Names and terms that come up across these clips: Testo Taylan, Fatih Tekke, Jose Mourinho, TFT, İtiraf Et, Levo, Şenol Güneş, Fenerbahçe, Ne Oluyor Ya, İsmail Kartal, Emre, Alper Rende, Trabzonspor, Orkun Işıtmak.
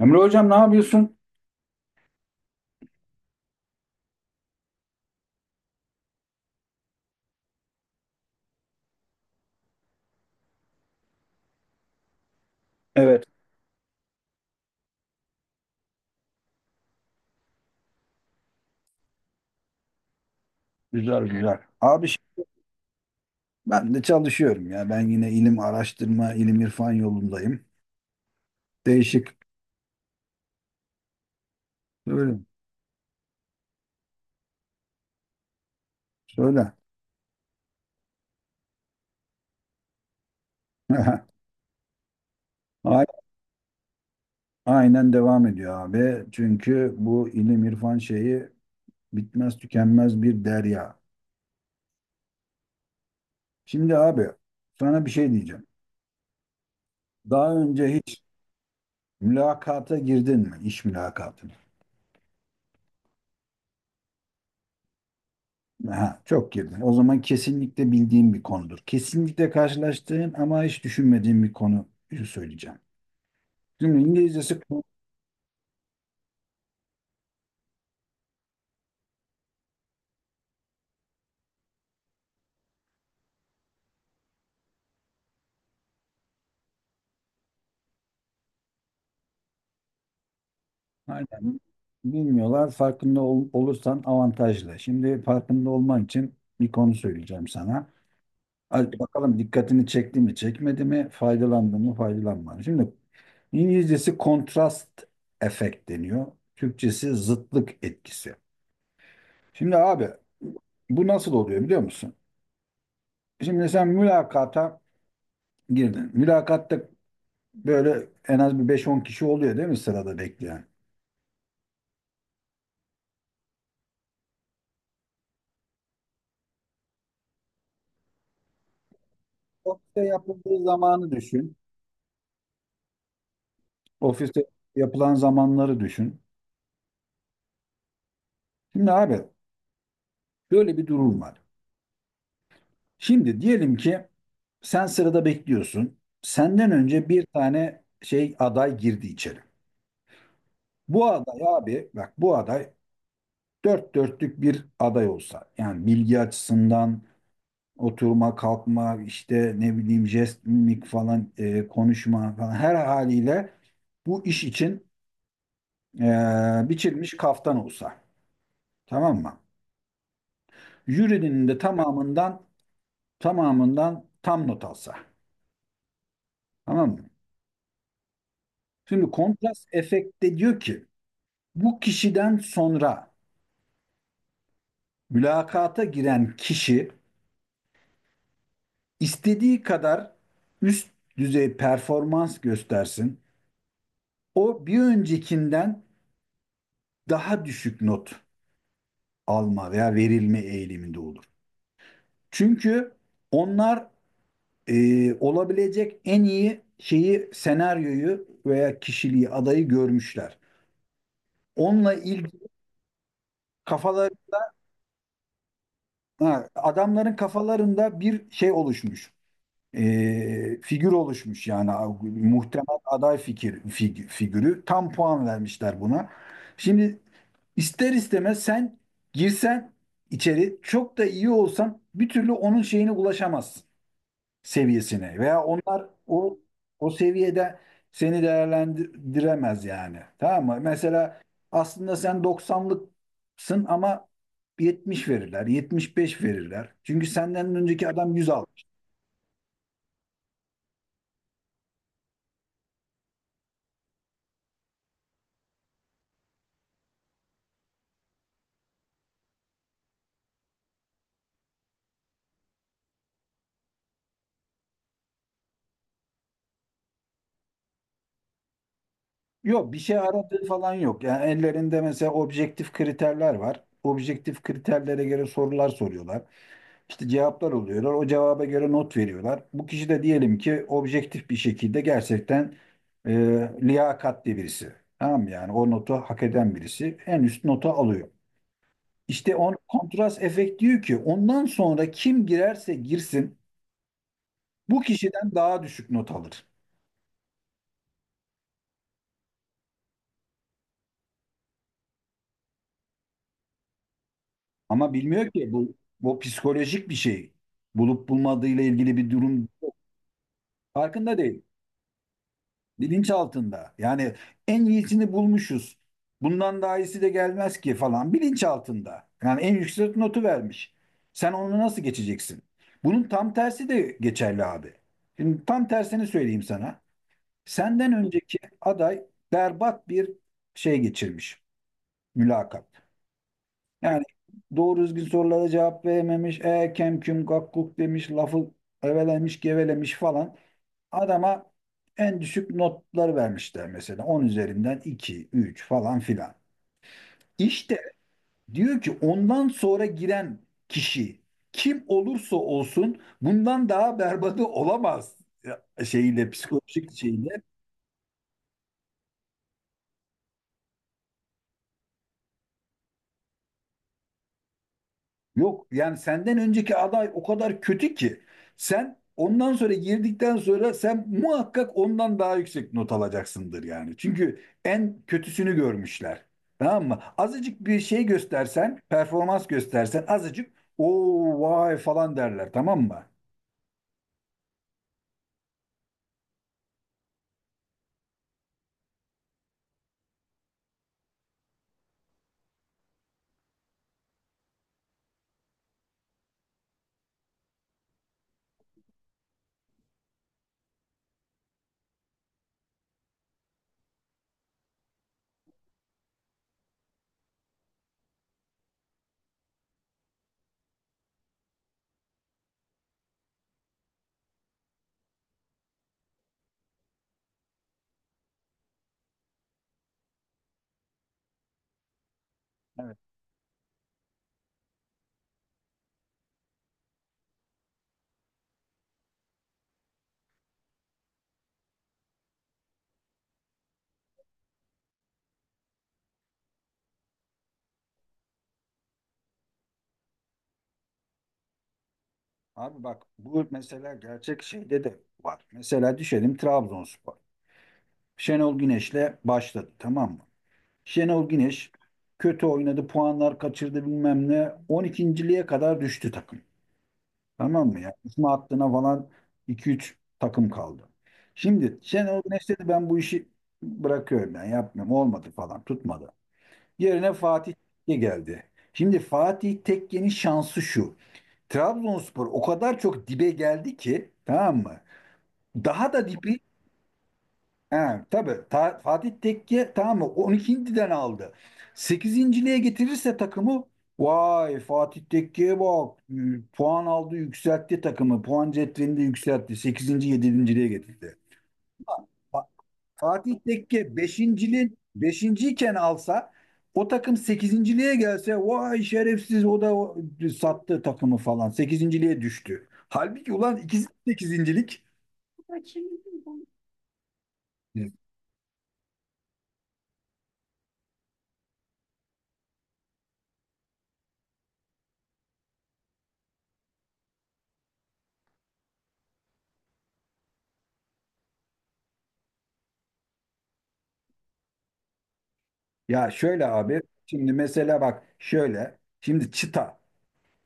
Emre hocam ne yapıyorsun? Evet, güzel güzel. Abi ben de çalışıyorum ya. Ben yine ilim araştırma, ilim irfan yolundayım. Değişik. Söyle. Söyle. A- Aynen devam ediyor abi. Çünkü bu ilim irfan şeyi bitmez tükenmez bir derya. Şimdi abi sana bir şey diyeceğim. Daha önce hiç mülakata girdin mi? İş mülakatı. Aha, çok girdi. O zaman kesinlikle bildiğim bir konudur. Kesinlikle karşılaştığım ama hiç düşünmediğim bir konuyu söyleyeceğim. Şimdi İngilizcesi aynen bilmiyorlar. Farkında olursan avantajlı. Şimdi farkında olman için bir konu söyleyeceğim sana. Hadi bakalım dikkatini çekti mi, çekmedi mi, faydalandı mı, faydalanmadı mı? Şimdi İngilizcesi kontrast efekt deniyor. Türkçesi zıtlık etkisi. Şimdi abi bu nasıl oluyor biliyor musun? Şimdi sen mülakata girdin. Mülakatta böyle en az bir beş on kişi oluyor, değil mi, sırada bekleyen? Ofiste yapıldığı zamanı düşün. Ofiste yapılan zamanları düşün. Şimdi abi böyle bir durum var. Şimdi diyelim ki sen sırada bekliyorsun. Senden önce bir tane şey aday girdi içeri. Bu aday, abi bak, bu aday dört dörtlük bir aday olsa, yani bilgi açısından oturma, kalkma, işte ne bileyim jest, mimik falan, konuşma falan, her haliyle bu iş için biçilmiş kaftan olsa. Tamam mı? Jürinin de tamamından tam not alsa. Tamam mı? Şimdi kontrast efekte diyor ki bu kişiden sonra mülakata giren kişi istediği kadar üst düzey performans göstersin. O bir öncekinden daha düşük not alma veya verilme eğiliminde olur. Çünkü onlar olabilecek en iyi şeyi, senaryoyu veya kişiliği, adayı görmüşler. Onunla ilgili kafalar, ha, adamların kafalarında bir şey oluşmuş. E, figür oluşmuş, yani muhtemel aday fikir figürü tam puan vermişler buna. Şimdi ister istemez sen girsen içeri, çok da iyi olsan, bir türlü onun şeyine ulaşamazsın, seviyesine. Veya onlar o seviyede seni değerlendiremez yani. Tamam mı? Mesela aslında sen doksanlıksın ama 70 verirler, 75 verirler. Çünkü senden önceki adam 100 almış. Yok, bir şey aradığı falan yok. Yani ellerinde mesela objektif kriterler var. Objektif kriterlere göre sorular soruyorlar. İşte cevaplar oluyorlar. O cevaba göre not veriyorlar. Bu kişi de diyelim ki objektif bir şekilde gerçekten e, liyakatli birisi. Tamam mı? Yani o notu hak eden birisi en üst notu alıyor. İşte on kontrast efekt diyor ki ondan sonra kim girerse girsin bu kişiden daha düşük not alır. Ama bilmiyor ki bu bu psikolojik bir şey. Bulup bulmadığıyla ilgili bir durum yok. Farkında değil. Bilinç altında. Yani en iyisini bulmuşuz. Bundan daha iyisi de gelmez ki falan. Bilinç altında. Yani en yüksek notu vermiş. Sen onu nasıl geçeceksin? Bunun tam tersi de geçerli abi. Şimdi tam tersini söyleyeyim sana. Senden önceki aday berbat bir şey geçirmiş. Mülakat. Yani doğru düzgün sorulara cevap verememiş. E, kem küm kakkuk demiş. Lafı evelemiş gevelemiş falan. Adama en düşük notları vermişler, mesela 10 üzerinden 2 3 falan filan. İşte diyor ki ondan sonra giren kişi kim olursa olsun bundan daha berbatı olamaz. Ya, şeyiyle, psikolojik şeyle. Yok yani, senden önceki aday o kadar kötü ki sen ondan sonra girdikten sonra sen muhakkak ondan daha yüksek not alacaksındır yani. Çünkü en kötüsünü görmüşler. Tamam mı? Azıcık bir şey göstersen, performans göstersen azıcık, o vay falan derler, tamam mı? Abi bak, bu mesela gerçek şeyde de var. Mesela düşelim Trabzonspor. Şenol Güneş'le başladı, tamam mı? Şenol Güneş kötü oynadı, puanlar kaçırdı bilmem ne. 12.liğe kadar düştü takım. Tamam mı ya? İsmi hattına falan iki üç takım kaldı. Şimdi Şenol Güneş dedi ben bu işi bırakıyorum, ben yapmıyorum. Olmadı falan, tutmadı. Yerine Fatih Tekke geldi. Şimdi Fatih Tekke'nin şansı şu. Trabzonspor o kadar çok dibe geldi ki, tamam mı? Daha da dibe. Ha, tabii Fatih Tekke, tamam mı, 12.den aldı. 8.liğe getirirse takımı, vay Fatih Tekke'ye bak, puan aldı, yükseltti takımı, puan cetvelinde yükseltti, 8. 7.liğe getirdi. Fa- Fatih Tekke 5.liğin beşinciyken alsa, o takım 8.liğe gelse, vay şerefsiz, o da sattı takımı falan, 8.liğe düştü. Halbuki ulan ikisi de sekizincilik. Ya şöyle abi, şimdi mesela bak şöyle, şimdi çıta,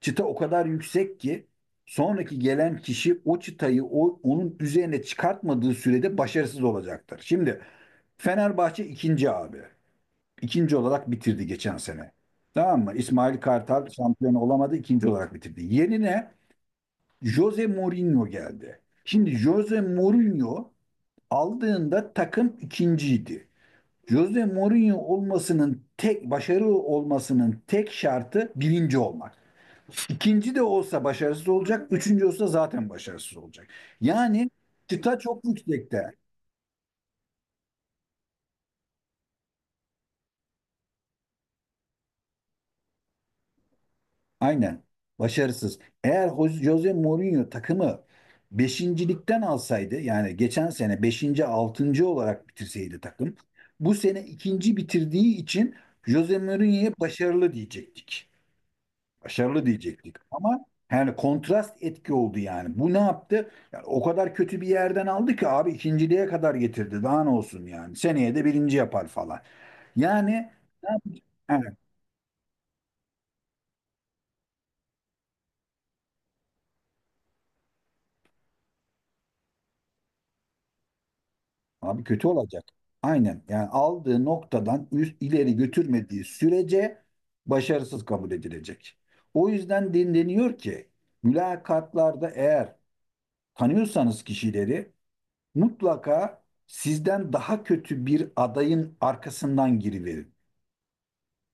çıta o kadar yüksek ki sonraki gelen kişi o çıtayı, o, onun üzerine çıkartmadığı sürede başarısız olacaktır. Şimdi Fenerbahçe ikinci abi, ikinci olarak bitirdi geçen sene. Tamam mı? İsmail Kartal şampiyon olamadı, ikinci olarak bitirdi. Yerine Jose Mourinho geldi. Şimdi Jose Mourinho aldığında takım ikinciydi. Jose Mourinho olmasının tek, başarılı olmasının tek şartı birinci olmak. İkinci de olsa başarısız olacak, üçüncü olsa zaten başarısız olacak. Yani çıta çok yüksekte. Aynen. Başarısız. Eğer Jose Mourinho takımı beşincilikten alsaydı, yani geçen sene beşinci, altıncı olarak bitirseydi takım, bu sene ikinci bitirdiği için Jose Mourinho'ya başarılı diyecektik. Başarılı diyecektik. Ama yani kontrast etki oldu yani. Bu ne yaptı? Yani o kadar kötü bir yerden aldı ki abi, ikinciliğe kadar getirdi. Daha ne olsun yani. Seneye de birinci yapar falan. Yani ne yapacak? Evet, abi kötü olacak. Aynen. Yani aldığı noktadan üst, ileri götürmediği sürece başarısız kabul edilecek. O yüzden deniyor ki mülakatlarda, eğer tanıyorsanız kişileri, mutlaka sizden daha kötü bir adayın arkasından giriverin.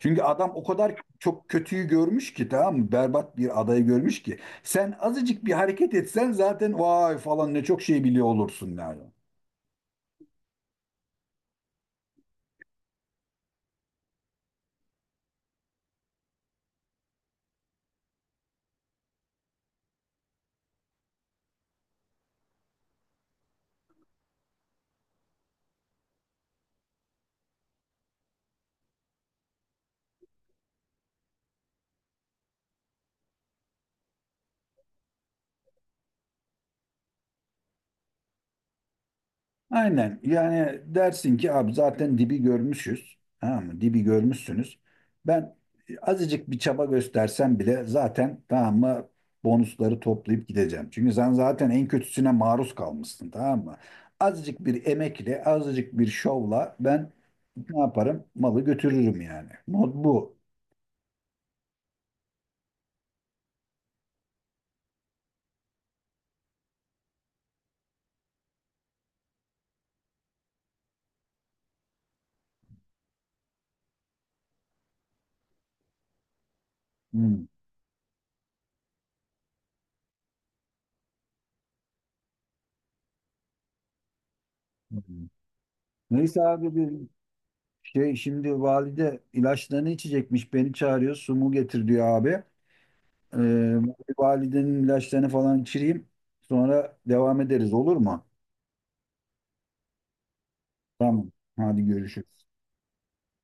Çünkü adam o kadar çok kötüyü görmüş ki, tamam mı? Berbat bir adayı görmüş ki, sen azıcık bir hareket etsen zaten vay falan, ne çok şey biliyor olursun yani. Aynen. Yani dersin ki abi zaten dibi görmüşüz. Tamam mı? Dibi görmüşsünüz. Ben azıcık bir çaba göstersem bile zaten, tamam mı, bonusları toplayıp gideceğim. Çünkü sen zaten en kötüsüne maruz kalmışsın, tamam mı? Azıcık bir emekle, azıcık bir şovla ben ne yaparım? Malı götürürüm yani. Mod bu. Hmm. Hmm. Neyse abi, bir şey şimdi, valide ilaçlarını içecekmiş. Beni çağırıyor. Su mu getir diyor abi. Ee, validenin ilaçlarını falan içireyim. Sonra devam ederiz, olur mu? Tamam. Hadi görüşürüz.